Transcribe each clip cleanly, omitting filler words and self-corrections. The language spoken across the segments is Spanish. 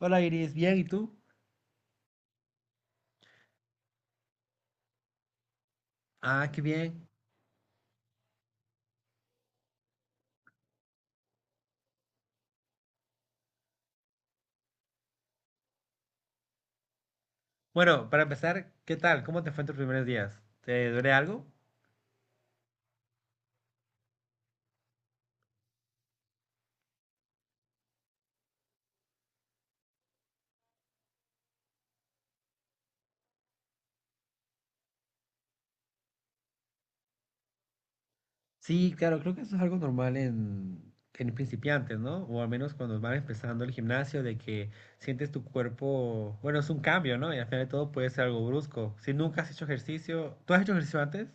Hola Iris, bien, ¿y tú? Ah, qué bien. Bueno, para empezar, ¿qué tal? ¿Cómo te fue en tus primeros días? ¿Te duele algo? Sí, claro, creo que eso es algo normal en principiantes, ¿no? O al menos cuando van empezando el gimnasio, de que sientes tu cuerpo, bueno, es un cambio, ¿no? Y al final de todo puede ser algo brusco. Si nunca has hecho ejercicio, ¿tú has hecho ejercicio antes?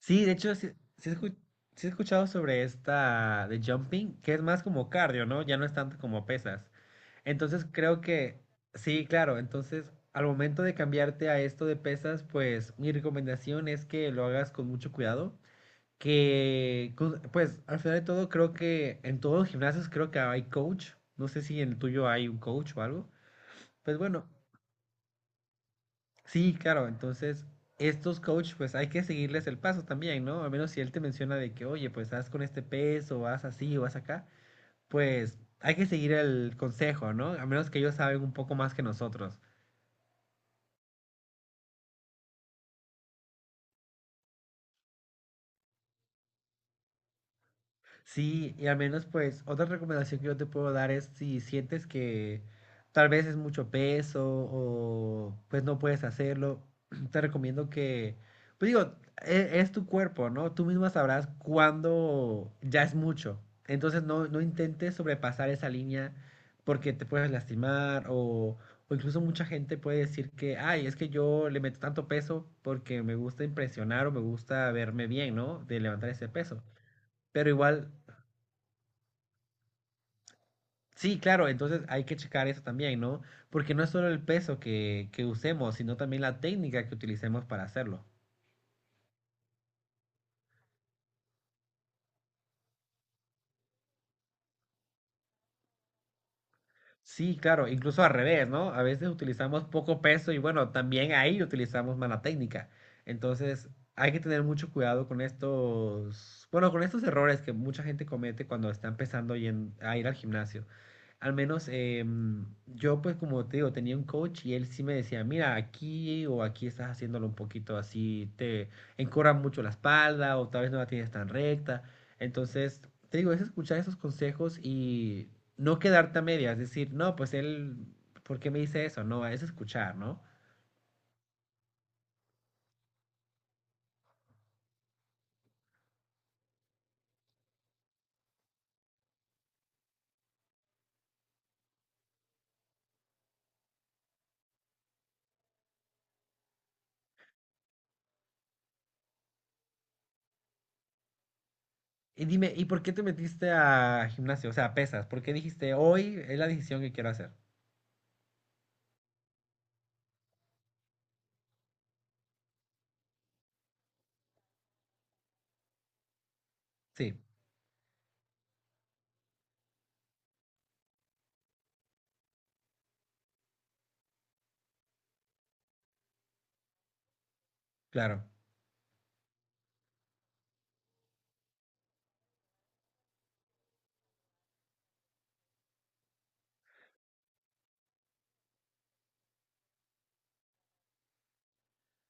Sí, de hecho, sí, sí he escu- sí he escuchado sobre esta de jumping, que es más como cardio, ¿no? Ya no es tanto como pesas. Entonces creo que, sí, claro, entonces al momento de cambiarte a esto de pesas, pues mi recomendación es que lo hagas con mucho cuidado, pues al final de todo creo que en todos los gimnasios creo que hay coach, no sé si en el tuyo hay un coach o algo, pues bueno, sí, claro, entonces estos coach pues hay que seguirles el paso también, ¿no? Al menos si él te menciona de que, oye, pues haz con este peso, haz así o haz acá, pues hay que seguir el consejo, ¿no? A menos que ellos saben un poco más que nosotros. Sí, y al menos pues otra recomendación que yo te puedo dar es si sientes que tal vez es mucho peso o pues no puedes hacerlo, te recomiendo que, pues digo, es, tu cuerpo, ¿no? Tú misma sabrás cuándo ya es mucho. Entonces no, no intentes sobrepasar esa línea porque te puedes lastimar o incluso mucha gente puede decir que, ay, es que yo le meto tanto peso porque me gusta impresionar o me gusta verme bien, ¿no? De levantar ese peso. Pero igual sí, claro, entonces hay que checar eso también, ¿no? Porque no es solo el peso que usemos, sino también la técnica que utilicemos para hacerlo. Sí, claro, incluso al revés, ¿no? A veces utilizamos poco peso y bueno, también ahí utilizamos mala técnica. Entonces, hay que tener mucho cuidado con estos, bueno, con estos errores que mucha gente comete cuando está empezando y a ir al gimnasio. Al menos yo, pues como te digo, tenía un coach y él sí me decía, mira, aquí o aquí estás haciéndolo un poquito así, te encorva mucho la espalda o tal vez no la tienes tan recta. Entonces, te digo, es escuchar esos consejos y no quedarte a medias, decir, no, pues él, ¿por qué me dice eso? No, es escuchar, ¿no? Y dime, ¿y por qué te metiste a gimnasio? O sea, a pesas. ¿Por qué dijiste, hoy es la decisión que quiero hacer? Sí, claro.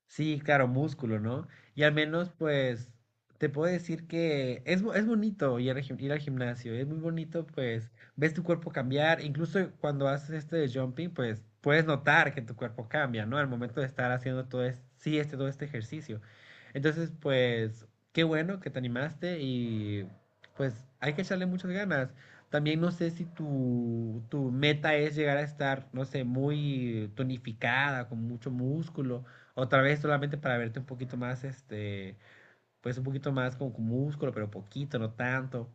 Sí, claro, músculo, ¿no? Y al menos, pues, te puedo decir que es, es bonito ir al, ir al gimnasio, es muy bonito, pues, ves tu cuerpo cambiar, incluso cuando haces este de jumping, pues, puedes notar que tu cuerpo cambia, ¿no? Al momento de estar haciendo todo este, sí, este, todo este ejercicio. Entonces, pues, qué bueno que te animaste y, pues, hay que echarle muchas ganas. También no sé si tu meta es llegar a estar, no sé, muy tonificada, con mucho músculo otra vez solamente para verte un poquito más, este, pues un poquito más como con músculo, pero poquito, no tanto.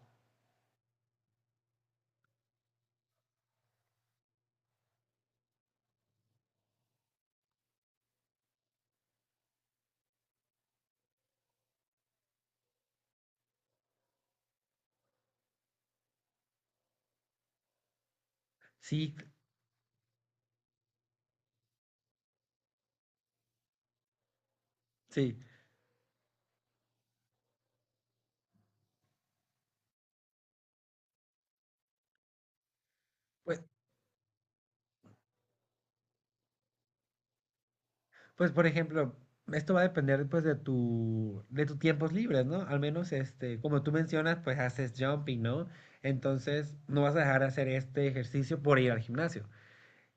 Sí, sí. Pues, pues por ejemplo, esto va a depender pues de de tus tiempos libres, ¿no? Al menos, este, como tú mencionas, pues haces jumping, ¿no? Entonces, no vas a dejar de hacer este ejercicio por ir al gimnasio.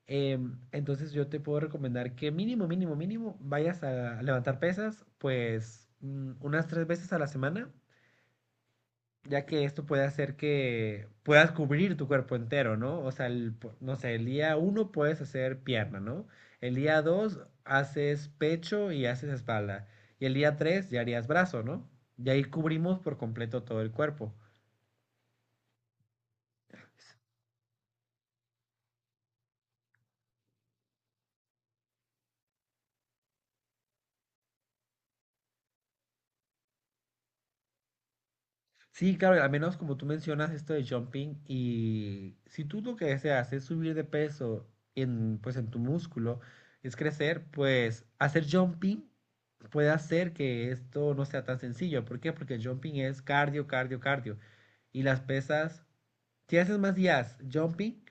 Entonces yo te puedo recomendar que mínimo vayas a levantar pesas, pues unas tres veces a la semana ya que esto puede hacer que puedas cubrir tu cuerpo entero, ¿no? O sea, no sé, el día uno puedes hacer pierna, ¿no? El día dos haces pecho y haces espalda. Y el día tres ya harías brazo, ¿no? Y ahí cubrimos por completo todo el cuerpo. Sí, claro, al menos como tú mencionas esto de jumping y si tú lo que deseas es subir de peso pues en tu músculo, es crecer, pues hacer jumping puede hacer que esto no sea tan sencillo. ¿Por qué? Porque el jumping es cardio. Y las pesas, si haces más días jumping,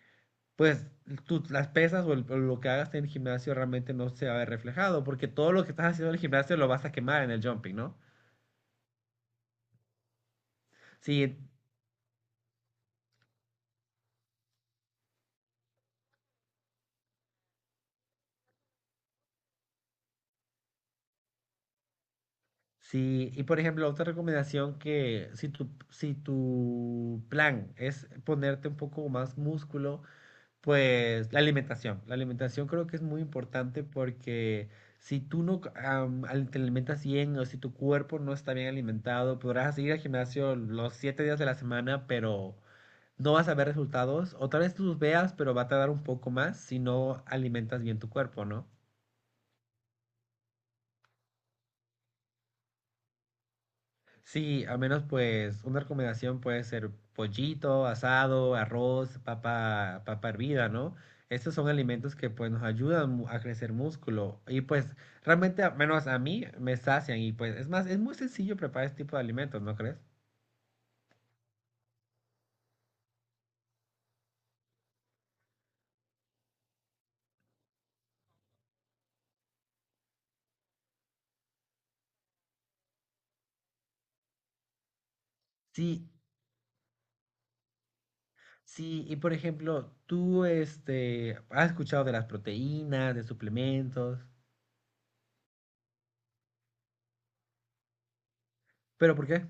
pues las pesas o lo que hagas en el gimnasio realmente no se va a ver reflejado, porque todo lo que estás haciendo en el gimnasio lo vas a quemar en el jumping, ¿no? Sí, sí, y por ejemplo, otra recomendación que si si tu plan es ponerte un poco más músculo, pues la alimentación. La alimentación creo que es muy importante porque si tú no am, al- te alimentas bien o si tu cuerpo no está bien alimentado, podrás ir al gimnasio los siete días de la semana, pero no vas a ver resultados. O tal vez los veas, pero va a tardar un poco más si no alimentas bien tu cuerpo, ¿no? Sí, al menos pues una recomendación puede ser pollito, asado, arroz, papa, papa hervida, ¿no? Estos son alimentos que pues nos ayudan a crecer músculo y pues realmente al menos a mí me sacian y pues es más, es muy sencillo preparar este tipo de alimentos, ¿no crees? Sí, sí, y por ejemplo, tú este has escuchado de las proteínas, de suplementos, pero ¿por qué?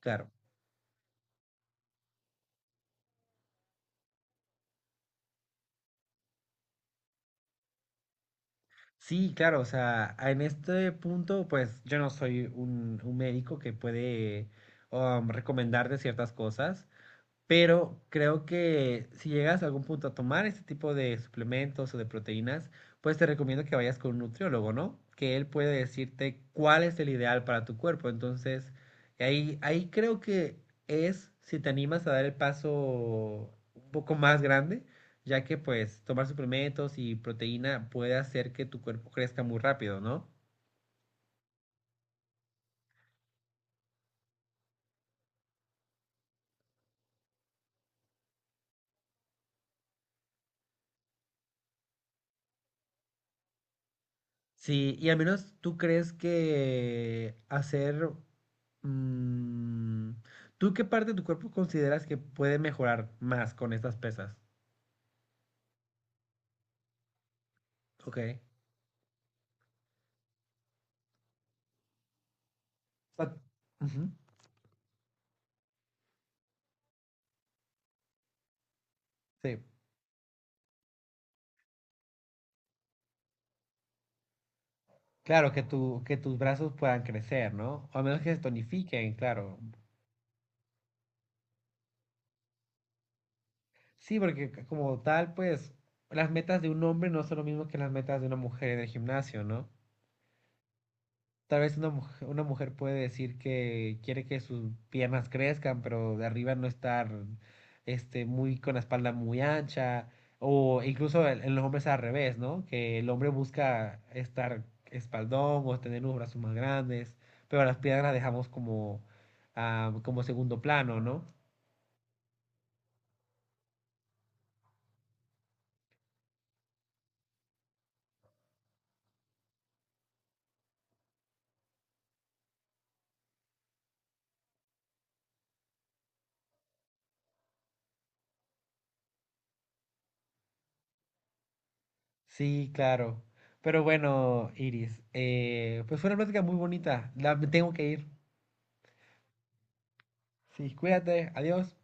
Claro. Sí, claro, o sea, en este punto, pues yo no soy un médico que puede recomendarte ciertas cosas, pero creo que si llegas a algún punto a tomar este tipo de suplementos o de proteínas, pues te recomiendo que vayas con un nutriólogo, ¿no? Que él puede decirte cuál es el ideal para tu cuerpo. Entonces, ahí creo que es si te animas a dar el paso un poco más grande, ya que pues tomar suplementos y proteína puede hacer que tu cuerpo crezca muy rápido, ¿no? Sí, y al menos tú crees que hacer Mm, ¿tú qué parte de tu cuerpo consideras que puede mejorar más con estas pesas? Ok. O sea, ujú. Sí. Claro, que, que tus brazos puedan crecer, ¿no? O a menos que se tonifiquen, claro. Sí, porque como tal, pues, las metas de un hombre no son lo mismo que las metas de una mujer en el gimnasio, ¿no? Tal vez una mujer puede decir que quiere que sus piernas crezcan, pero de arriba no estar este, muy con la espalda muy ancha, o incluso en los hombres al revés, ¿no? Que el hombre busca estar espaldón o tener los brazos más grandes, pero las piernas las dejamos como, ah, como segundo plano, ¿no? Sí, claro. Pero bueno, Iris, pues fue una plática muy bonita. La, me tengo que ir. Sí, cuídate, adiós.